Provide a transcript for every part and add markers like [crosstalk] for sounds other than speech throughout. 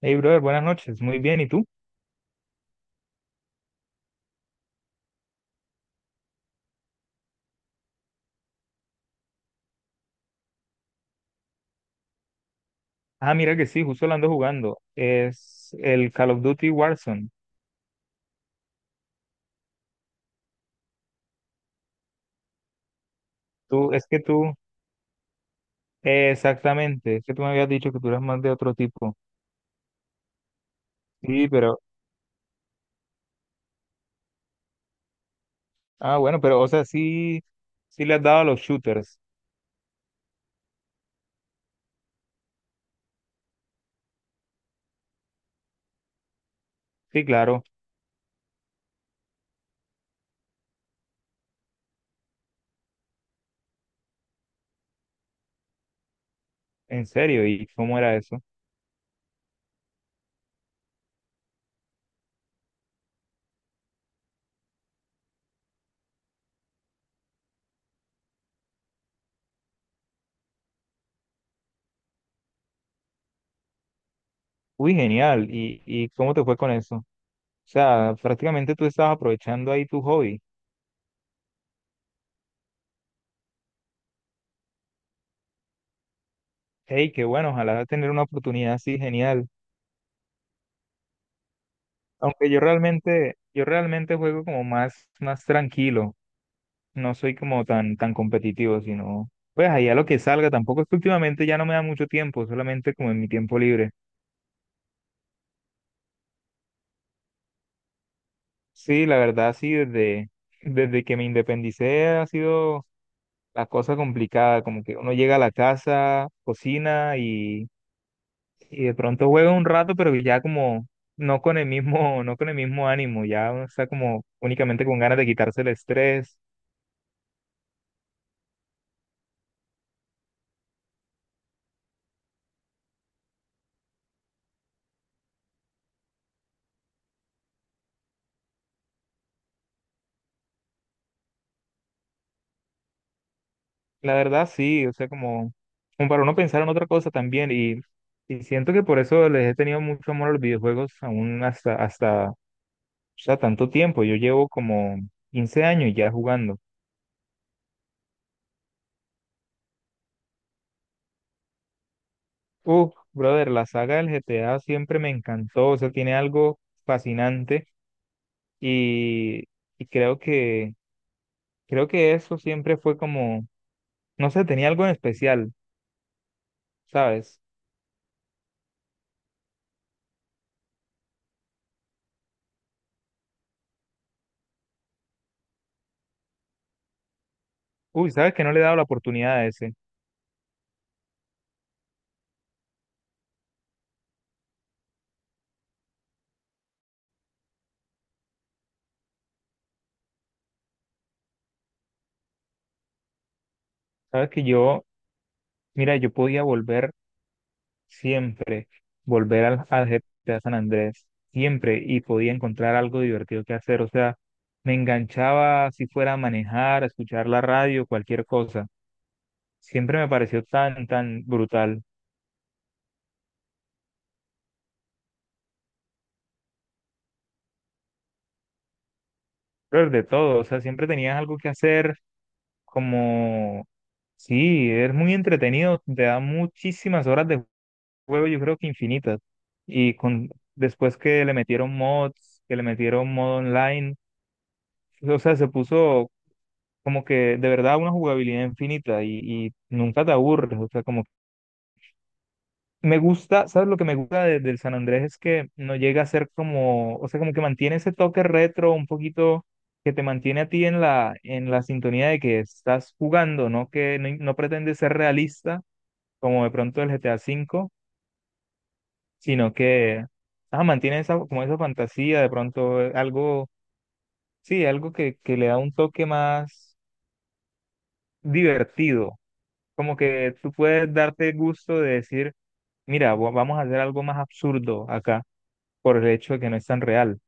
Hey, brother, buenas noches. Muy bien, ¿y tú? Ah, mira que sí, justo lo ando jugando. Es el Call of Duty Warzone. Tú, es que tú, Exactamente, es que tú me habías dicho que tú eras más de otro tipo. Sí, pero, ah, bueno, pero, o sea, sí, sí le has dado a los shooters. Sí, claro, en serio, y cómo era eso? Uy, genial, ¿y cómo te fue con eso? O sea, prácticamente tú estabas aprovechando ahí tu hobby. Hey, qué bueno, ojalá tener una oportunidad así, genial. Aunque yo realmente juego como más, más tranquilo. No soy como tan, tan competitivo, sino pues ahí a lo que salga. Tampoco es que últimamente ya no me da mucho tiempo, solamente como en mi tiempo libre. Sí, la verdad, sí, desde que me independicé ha sido la cosa complicada, como que uno llega a la casa, cocina y de pronto juega un rato, pero ya como no con el mismo, [laughs] no con el mismo ánimo, ya uno está como únicamente con ganas de quitarse el estrés. La verdad sí, o sea, como para uno pensar en otra cosa también y siento que por eso les he tenido mucho amor a los videojuegos aún hasta, o sea, tanto tiempo. Yo llevo como 15 años ya jugando. Uf, brother, la saga del GTA siempre me encantó, o sea, tiene algo fascinante y, y creo que eso siempre fue como, no sé, tenía algo en especial, ¿sabes? Uy, ¿sabes que no le he dado la oportunidad a ese? ¿Sabes que yo, mira, yo podía volver siempre volver al GTA San Andrés, siempre, y podía encontrar algo divertido que hacer? O sea, me enganchaba si fuera a manejar, a escuchar la radio, cualquier cosa. Siempre me pareció tan, tan brutal. Pero de todo, o sea, siempre tenías algo que hacer, como, sí, es muy entretenido, te da muchísimas horas de juego, yo creo que infinitas. Y con, después que le metieron mods, que le metieron modo online, o sea, se puso como que de verdad una jugabilidad infinita y nunca te aburres, o sea, como me gusta. ¿Sabes lo que me gusta del San Andrés? Es que no llega a ser como, o sea, como que mantiene ese toque retro un poquito que te mantiene a ti en la sintonía de que estás jugando, ¿no? Que no, no pretende ser realista como de pronto el GTA V, sino que ah, mantiene esa, como esa fantasía, de pronto algo, sí, algo que le da un toque más divertido, como que tú puedes darte gusto de decir: mira, vamos a hacer algo más absurdo acá por el hecho de que no es tan real.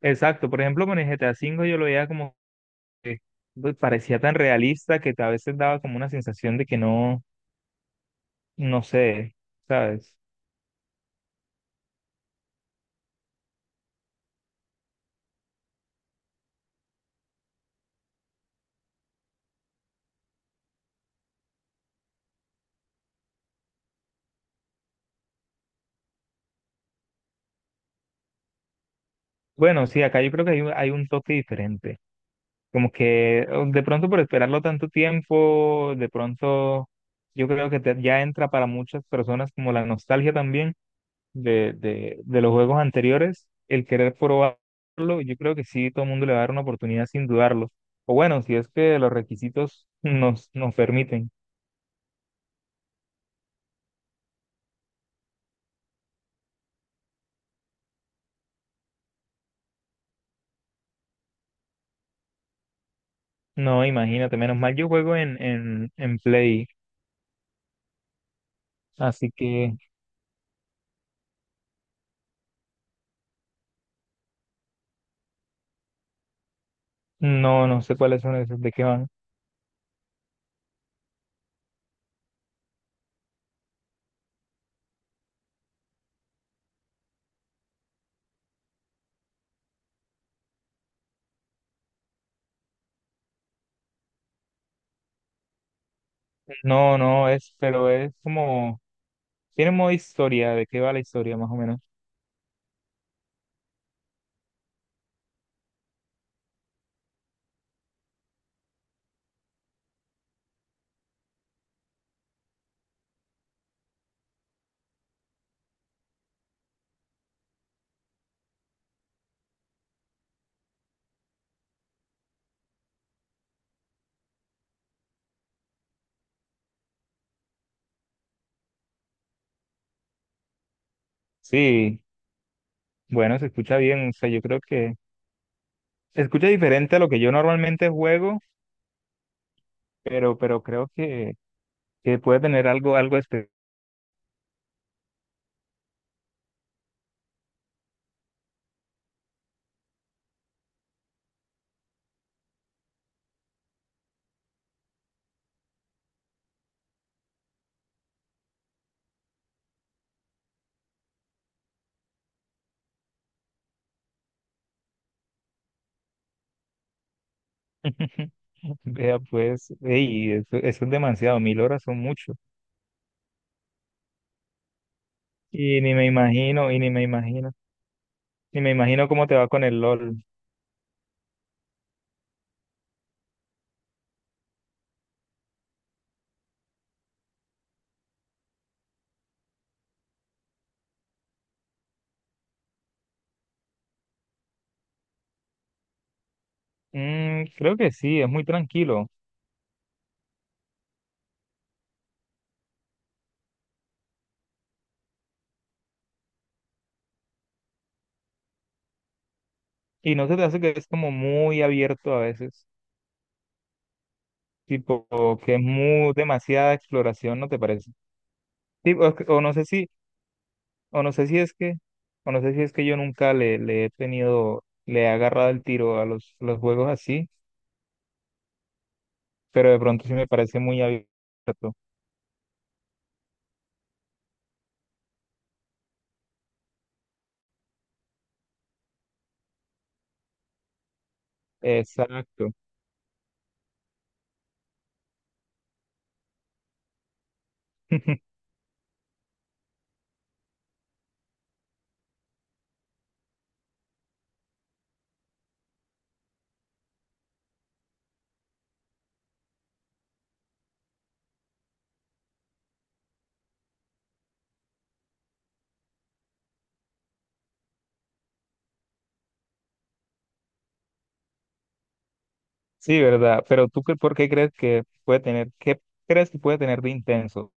Exacto, por ejemplo, con el GTA 5 yo lo veía como que pues, parecía tan realista que a veces daba como una sensación de que no, no sé, ¿sabes? Bueno, sí, acá yo creo que hay un toque diferente. Como que oh, de pronto por esperarlo tanto tiempo, de pronto yo creo que te- ya entra para muchas personas como la nostalgia también de los juegos anteriores, el querer probarlo. Yo creo que sí, todo el mundo le va a dar una oportunidad sin dudarlo. O bueno, si es que los requisitos [laughs] nos permiten. No, imagínate, menos mal yo juego en Play, así que no, no sé cuáles son esos, de qué van. No, no, es, pero es como, tiene modo historia, de qué va la historia más o menos. Sí, bueno, se escucha bien, o sea, yo creo que se escucha diferente a lo que yo normalmente juego, pero creo que puede tener algo especial. [laughs] Vea, pues, ey, eso es demasiado, 1000 horas son mucho. Y ni me imagino, y ni me imagino, ni me imagino cómo te va con el LOL. Mm, creo que sí, es muy tranquilo. Y no se te hace que es como muy abierto a veces, tipo que es muy demasiada exploración, ¿no te parece? Tipo, es o no sé si, o no sé si es que, o no sé si es que yo nunca le he tenido, le he agarrado el tiro a los juegos así, pero de pronto sí me parece muy abierto. Exacto. [laughs] Sí, ¿verdad? Pero tú, ¿por qué crees que puede tener, qué crees que puede tener de intenso?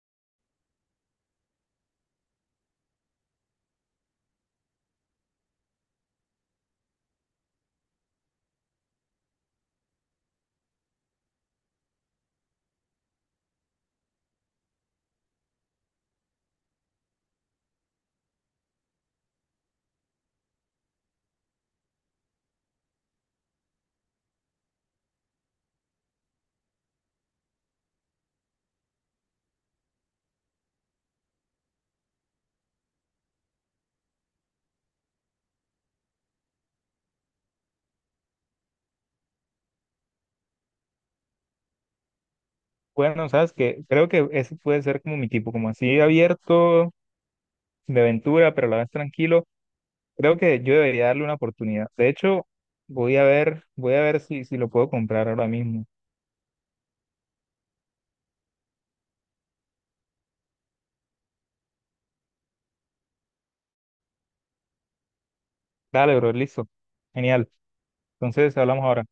Bueno, sabes que creo que ese puede ser como mi tipo, como así abierto, de aventura, pero a la vez tranquilo. Creo que yo debería darle una oportunidad. De hecho, voy a ver si lo puedo comprar ahora mismo. Dale, bro, listo. Genial. Entonces, hablamos ahora.